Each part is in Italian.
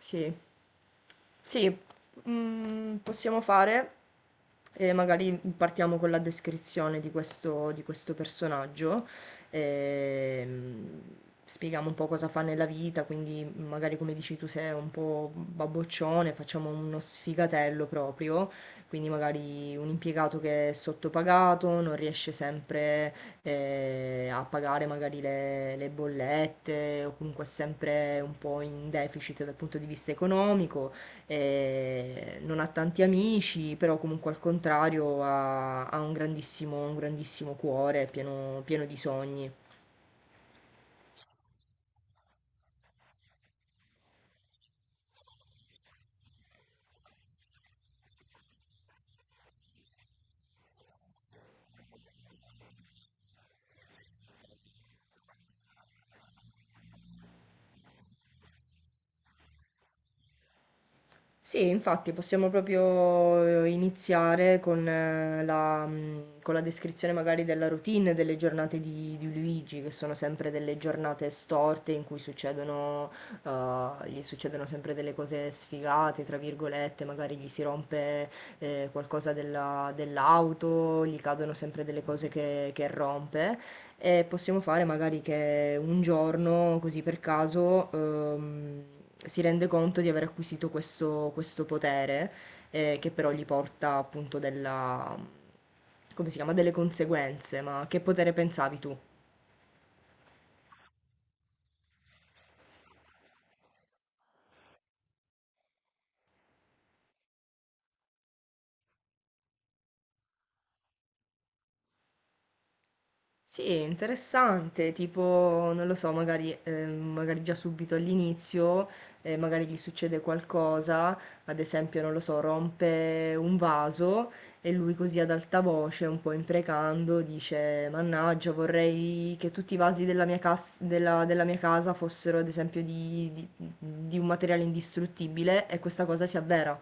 Sì. Sì, possiamo fare e magari partiamo con la descrizione di di questo personaggio. ehm, Spieghiamo un po' cosa fa nella vita, quindi magari come dici tu sei un po' babboccione, facciamo uno sfigatello proprio, quindi magari un impiegato che è sottopagato, non riesce sempre a pagare magari le bollette o comunque è sempre un po' in deficit dal punto di vista economico, non ha tanti amici, però comunque al contrario ha un grandissimo cuore pieno pieno di sogni. Sì, infatti possiamo proprio iniziare con con la descrizione magari della routine delle giornate di Luigi, che sono sempre delle giornate storte in cui succedono, gli succedono sempre delle cose sfigate, tra virgolette, magari gli si rompe qualcosa dell'auto, gli cadono sempre delle cose che rompe, e possiamo fare magari che un giorno, così per caso, si rende conto di aver acquisito questo potere, che però gli porta appunto della, come si chiama, delle conseguenze. Ma che potere pensavi tu? Sì, è interessante, tipo, non lo so, magari, magari già subito all'inizio, magari gli succede qualcosa, ad esempio, non lo so, rompe un vaso e lui, così ad alta voce, un po' imprecando, dice: "Mannaggia, vorrei che tutti i vasi della mia casa fossero, ad esempio, di un materiale indistruttibile", e questa cosa si avvera.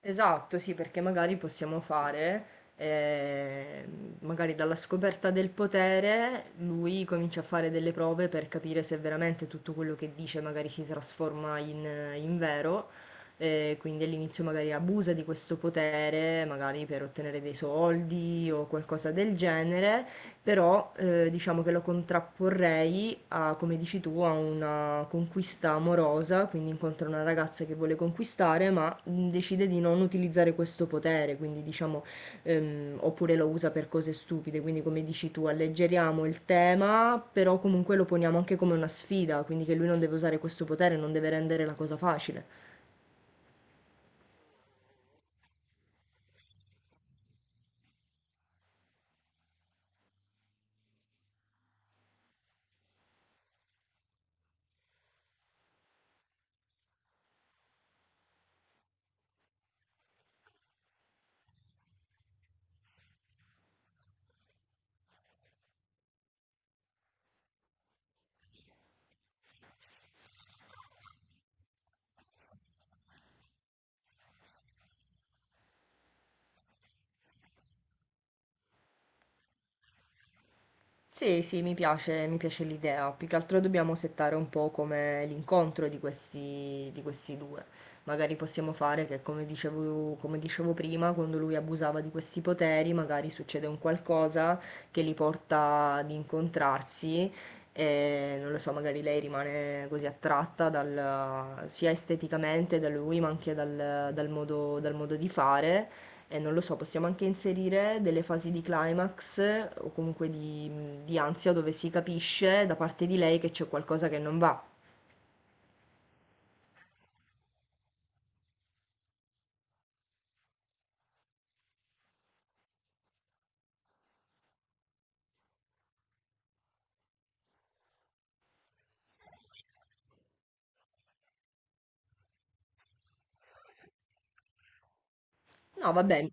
Esatto, sì, perché magari possiamo fare, eh, magari dalla scoperta del potere lui comincia a fare delle prove per capire se veramente tutto quello che dice magari si trasforma in, in vero, quindi all'inizio magari abusa di questo potere, magari per ottenere dei soldi o qualcosa del genere, però diciamo che lo contrapporrei a, come dici tu, a una conquista amorosa, quindi incontra una ragazza che vuole conquistare, ma decide di non utilizzare questo potere, quindi diciamo, oppure lo usa per cose stupide, quindi come dici tu, alleggeriamo il tema, però comunque lo poniamo anche come una sfida, quindi che lui non deve usare questo potere, non deve rendere la cosa facile. Sì, sì, mi piace l'idea. Più che altro dobbiamo settare un po' come l'incontro di questi due. Magari possiamo fare che, come dicevo prima, quando lui abusava di questi poteri, magari succede un qualcosa che li porta ad incontrarsi e, non lo so, magari lei rimane così attratta sia esteticamente da lui, ma anche dal modo di fare, non lo so, possiamo anche inserire delle fasi di climax, o comunque di ansia, dove si capisce da parte di lei che c'è qualcosa che non va. No, va bene.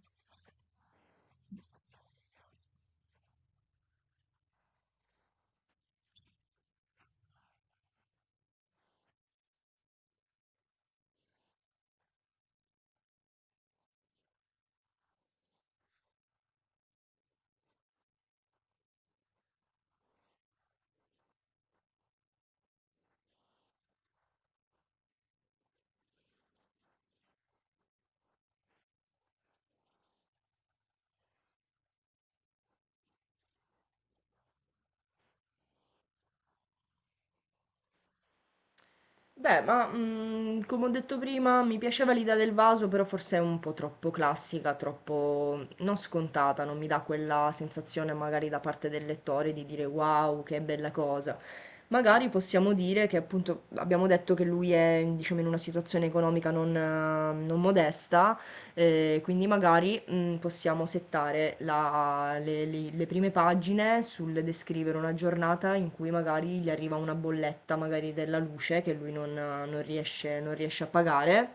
Beh, ma mm, come ho detto prima, mi piaceva l'idea del vaso, però forse è un po' troppo classica, troppo mm, non scontata, non mi dà quella sensazione magari da parte del lettore di dire wow, che bella cosa. Magari possiamo dire che, appunto, abbiamo detto che lui è, diciamo, in una situazione economica non, non modesta. Quindi magari mm, possiamo settare le prime pagine sul descrivere una giornata in cui magari gli arriva una bolletta, magari della luce, che lui non riesce, non riesce a pagare.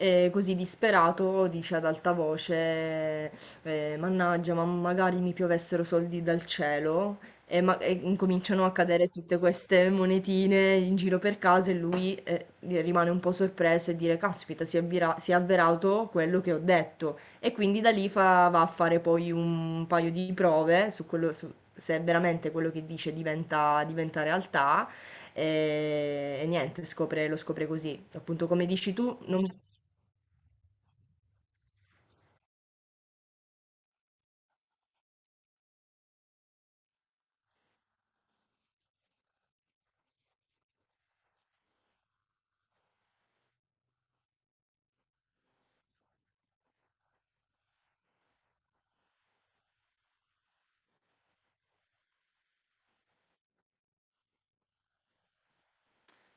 E così disperato dice ad alta voce, mannaggia, ma magari mi piovessero soldi dal cielo, e incominciano a cadere tutte queste monetine in giro per casa e lui, rimane un po' sorpreso e dire, caspita, si, si è avverato quello che ho detto. E quindi da lì va a fare poi un paio di prove su quello, se veramente quello che dice diventa, diventa realtà. E niente, lo scopre così. Appunto, come dici tu, non.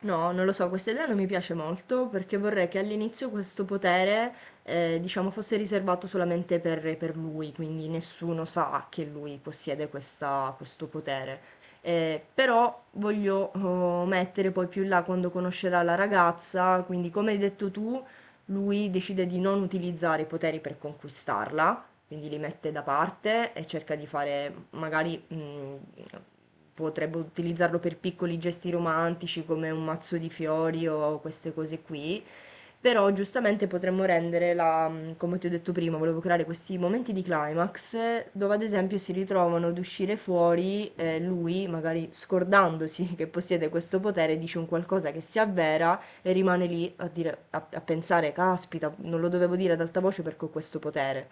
No, non lo so, questa idea non mi piace molto perché vorrei che all'inizio questo potere, diciamo, fosse riservato solamente per lui, quindi nessuno sa che lui possiede questo potere. Però voglio mettere poi più in là, quando conoscerà la ragazza, quindi come hai detto tu, lui decide di non utilizzare i poteri per conquistarla, quindi li mette da parte e cerca di fare, magari potrebbe utilizzarlo per piccoli gesti romantici, come un mazzo di fiori o queste cose qui. Però giustamente potremmo rendere la, come ti ho detto prima, volevo creare questi momenti di climax, dove ad esempio si ritrovano ad uscire fuori, lui magari scordandosi che possiede questo potere, dice un qualcosa che si avvera e rimane lì a, dire, a pensare, caspita, non lo dovevo dire ad alta voce perché ho questo potere.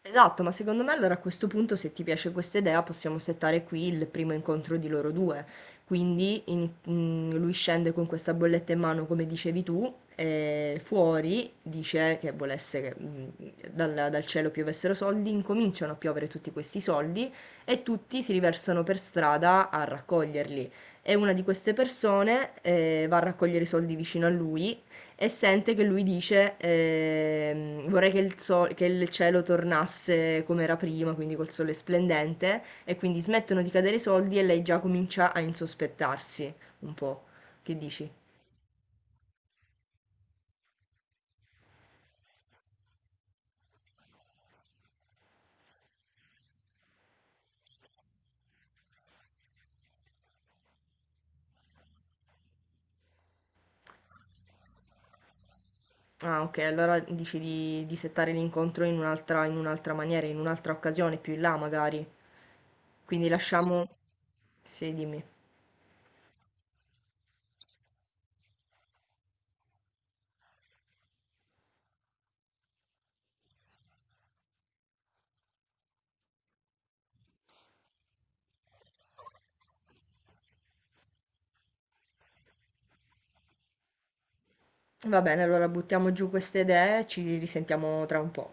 Esatto, ma secondo me allora a questo punto, se ti piace questa idea, possiamo settare qui il primo incontro di loro due. Quindi lui scende con questa bolletta in mano, come dicevi tu, e fuori dice che volesse che mm, dal cielo piovessero soldi, incominciano a piovere tutti questi soldi e tutti si riversano per strada a raccoglierli. E una di queste persone, va a raccogliere i soldi vicino a lui e sente che lui dice, vorrei che che il cielo tornasse come era prima, quindi col sole splendente, e quindi smettono di cadere i soldi e lei già comincia a insospettarsi un po'. Che dici? Ah, ok, allora dici di settare l'incontro in un'altra, in un'altra maniera, in un'altra occasione, più in là magari. Quindi lasciamo... Sì, dimmi. Va bene, allora buttiamo giù queste idee e ci risentiamo tra un po'.